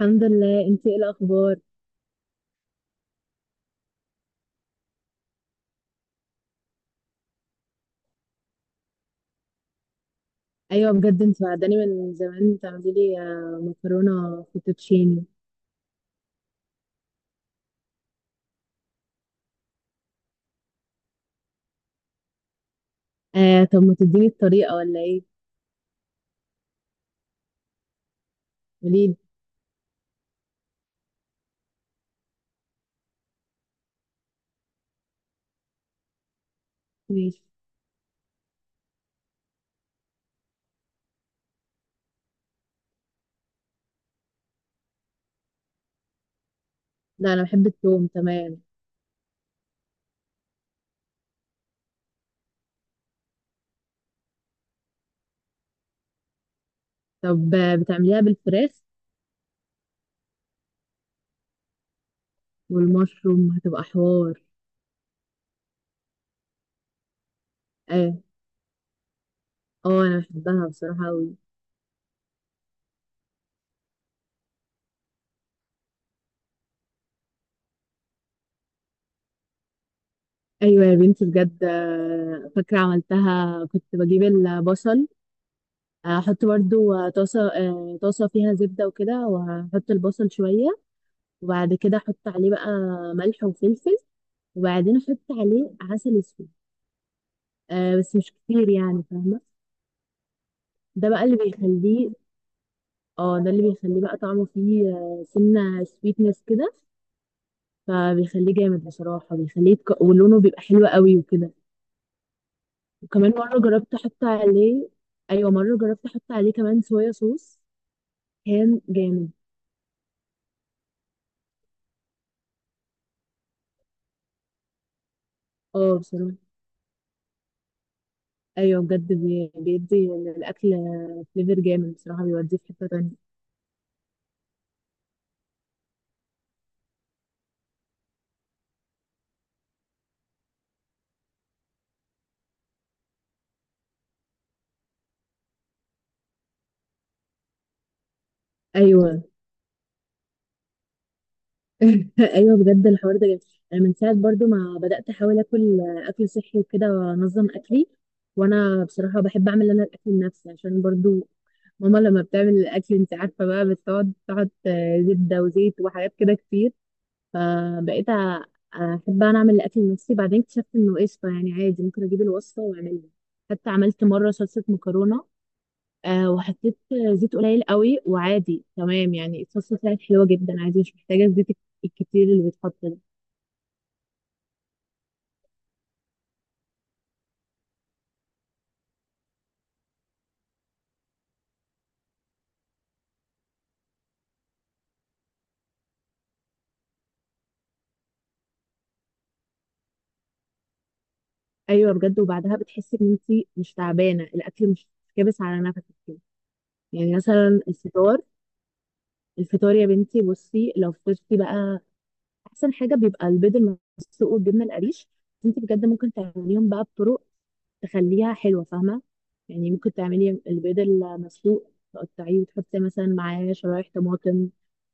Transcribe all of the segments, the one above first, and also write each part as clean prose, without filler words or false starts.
الحمد لله. انتي ايه الاخبار؟ ايوه بجد، انت بعداني من زمان تعملي لي مكرونه فوتوتشيني. آه طب ما تديني الطريقه ولا ايه؟ قوليلي. ماشي. لا انا بحب التوم. تمام. طب بتعمليها بالفراخ والمشروم هتبقى حوار؟ اه. اه انا بحبها بصراحه قوي. ايوه يا بنتي بجد، فاكره عملتها كنت بجيب البصل، احط برضو طاسه، فيها زبده وكده واحط البصل شويه، وبعد كده احط عليه بقى ملح وفلفل، وبعدين احط عليه عسل اسود. آه بس مش كتير يعني، فاهمه. ده بقى اللي بيخليه. اه، ده اللي بيخليه بقى طعمه فيه سنه سويتنس كده. فبيخليه جامد بصراحه، ولونه بيبقى حلو قوي وكده. وكمان مره جربت احط عليه. ايوه، مره جربت احط عليه كمان صويا صوص. كان جامد. اه بصراحه. ايوه بجد، بيدي للاكل. فليفر جامد بصراحه، بيوديه في حته تانية. ايوه. ايوه بجد الحوار ده جميل. انا من ساعه برضو ما بدات احاول اكل اكل صحي وكده وانظم اكلي. وانا بصراحه بحب اعمل انا الاكل لنفسي، عشان برضو ماما لما بتعمل الاكل انت عارفه بقى بتقعد تحط زبده وزيت وحاجات كده كتير. فبقيت احب انا اعمل الاكل لنفسي. بعدين اكتشفت انه قشطه يعني عادي ممكن اجيب الوصفه واعملها. حتى عملت مره صلصه مكرونه، آه وحطيت زيت قليل قوي، وعادي تمام يعني الصلصه طلعت حلوه جدا عادي، مش محتاجه الزيت الكتير اللي بيتحط ده. ايوه بجد، وبعدها بتحسي ان انت مش تعبانه، الاكل مش كابس على نفسك كده. يعني مثلا الفطار يا بنتي بصي لو فطرتي بقى احسن حاجه بيبقى البيض المسلوق والجبنه القريش. انت بجد ممكن تعمليهم بقى بطرق تخليها حلوه، فاهمه؟ يعني ممكن تعملي البيض المسلوق تقطعيه وتحطي مثلا معاه شرايح طماطم،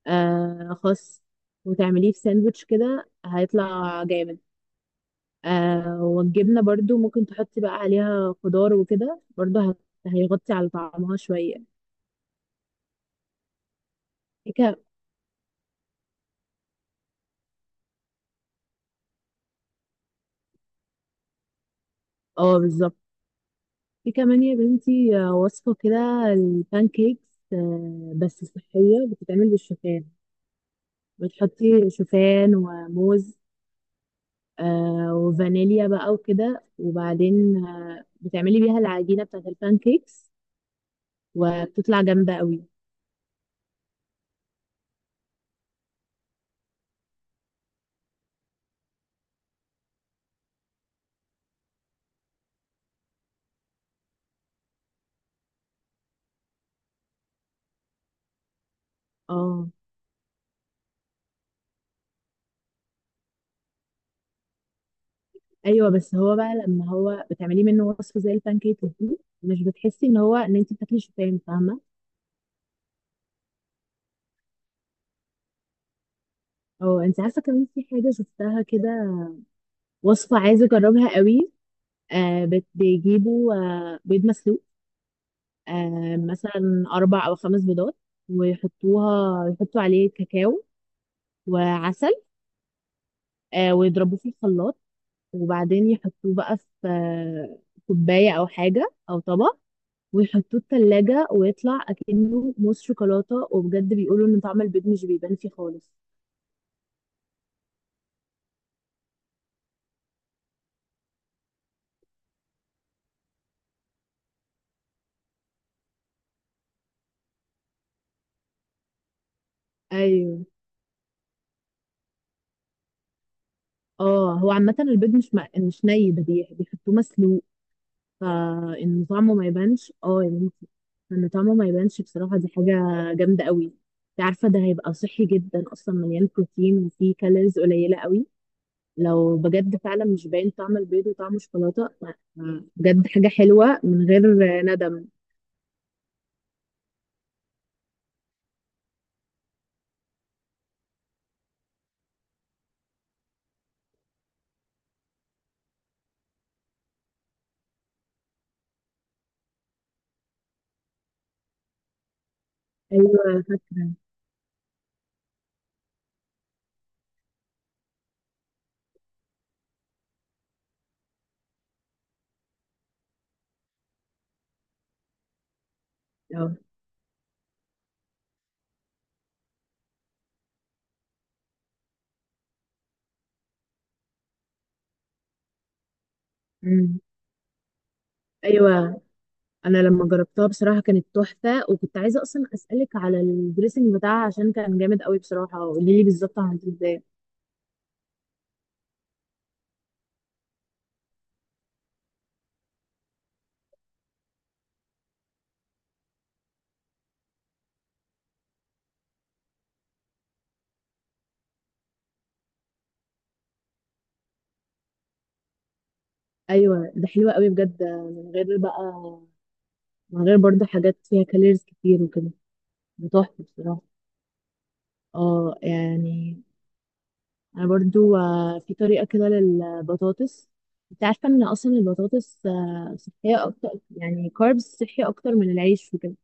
خس، وتعمليه في ساندوتش كده هيطلع جامد. آه والجبنه برضو ممكن تحطي بقى عليها خضار وكده برضو هيغطي على طعمها شويه. هيك. اه بالظبط. في كمان يا بنتي، وصفة كده البان كيكس، بس صحية بتتعمل بالشوفان. بتحطي شوفان وموز، وفانيليا بقى وكده، وبعدين بتعملي بيها العجينة بتاعت البان كيكس وبتطلع جامدة قوي. اه. ايوه بس هو بقى لما هو بتعمليه منه وصفة زي البان كيك دي، مش بتحسي ان انت بتاكلي شوفان، فاهمة؟ او انت عارفة كمان في حاجة شفتها كده، وصفة عايزة اجربها قوي. آه بيجيبوا بيض مسلوق، مثلا أربع أو خمس بيضات، يحطوا عليه كاكاو وعسل، ويضربوه في الخلاط، وبعدين يحطوه بقى في كوباية أو حاجة أو طبق، ويحطوه التلاجة ويطلع أكنه موس شوكولاتة، وبجد بيقولوا إن طعم البيض مش بيبان فيه خالص. أيوه. اه هو عامة البيض مش ني، ده بيحطوه مسلوق فإن طعمه ما يبانش، اه يا بنتي إن طعمه ما يبانش، بصراحة دي حاجة جامدة قوي. انت عارفة ده هيبقى صحي جدا أصلا، مليان بروتين وفيه كالوريز قليلة قوي. لو بجد فعلا مش باين طعم البيض وطعم الشوكولاتة بجد حاجة حلوة من غير ندم. أيوة اه. أمم. أيوة. أنا لما جربتها بصراحة كانت تحفة، وكنت عايزة أصلا أسألك على الدريسنج بتاعها عشان كان جامد قوي بصراحة. قولي لي بالظبط عملتيه ازاي؟ أيوة ده حلوة قوي بجد، من غير برضو حاجات فيها كالوريز كتير وكده. بتحفة بصراحة. اه يعني. انا برضو في طريقة كده للبطاطس. انت عارفة ان اصلا البطاطس صحية اكتر، يعني كاربس صحي اكتر من العيش وكده.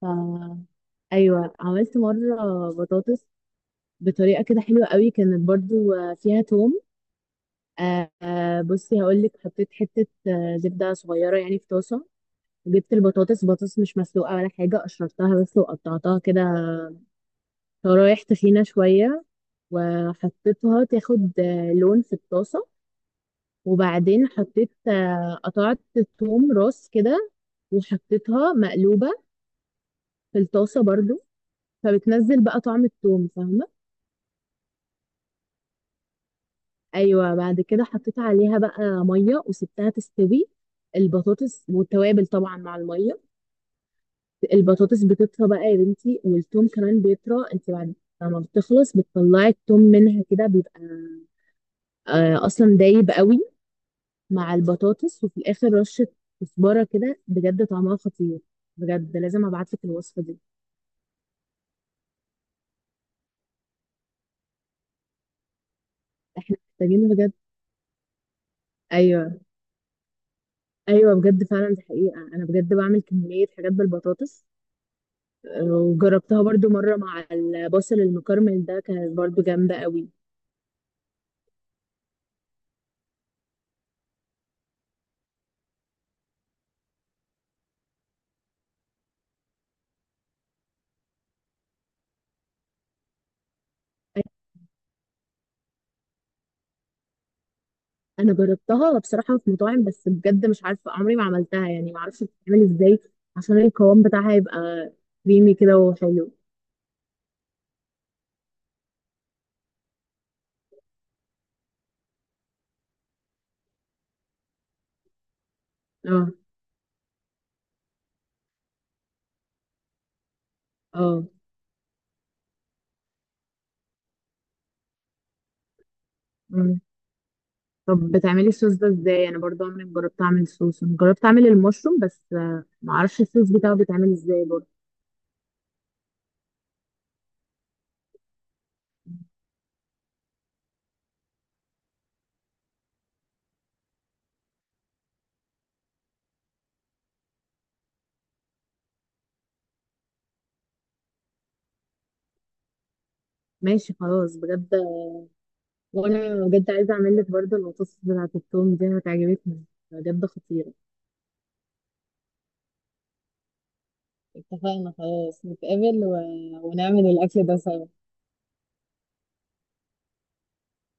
ف ايوه عملت مرة بطاطس بطريقة كده حلوة قوي كانت برضو فيها توم. بصي هقولك حطيت حتة زبدة صغيرة يعني في طاسة، وجبت البطاطس، بطاطس مش مسلوقة ولا حاجة، قشرتها بس وقطعتها كده شرايح تخينة شوية، وحطيتها تاخد لون في الطاسة، وبعدين حطيت آه، قطعت توم راس كده وحطيتها مقلوبة في الطاسة برضو. فبتنزل بقى طعم التوم، فاهمة؟ أيوة بعد كده حطيت عليها بقى مية وسبتها تستوي، البطاطس والتوابل طبعا مع المية. البطاطس بتطرى بقى يا بنتي، والتوم كمان بيطرى. انت بعد لما بتخلص بتطلعي التوم منها كده بيبقى أصلا دايب قوي مع البطاطس، وفي الاخر رشه كزبره كده. بجد طعمها خطير، بجد لازم ابعتلك الوصفه دي. احنا محتاجين بجد. ايوه. ايوه بجد فعلا، دي حقيقه انا بجد بعمل كميه حاجات بالبطاطس. وجربتها برضو مره مع البصل المكرمل ده، كانت برضو جامده قوي. انا جربتها بصراحه في مطاعم، بس بجد مش عارفه عمري ما عملتها، يعني ما اعرفش بتتعمل ازاي عشان القوام بتاعها يبقى كريمي كده وحلو. اه. اه طب بتعملي الصوص ده ازاي؟ انا برضو عمري ما جربت اعمل صوص، انا جربت اعمل المشروم بس، ما اعرفش الصوص بتاعه بيتعمل ازاي برضو. ماشي خلاص بجد، وانا بجد عايزه اعمل لك برضو البطاطس بتاعه التوم دي هتعجبك، بجد خطيره. اتفقنا خلاص نتقابل ونعمل الاكل ده سوا.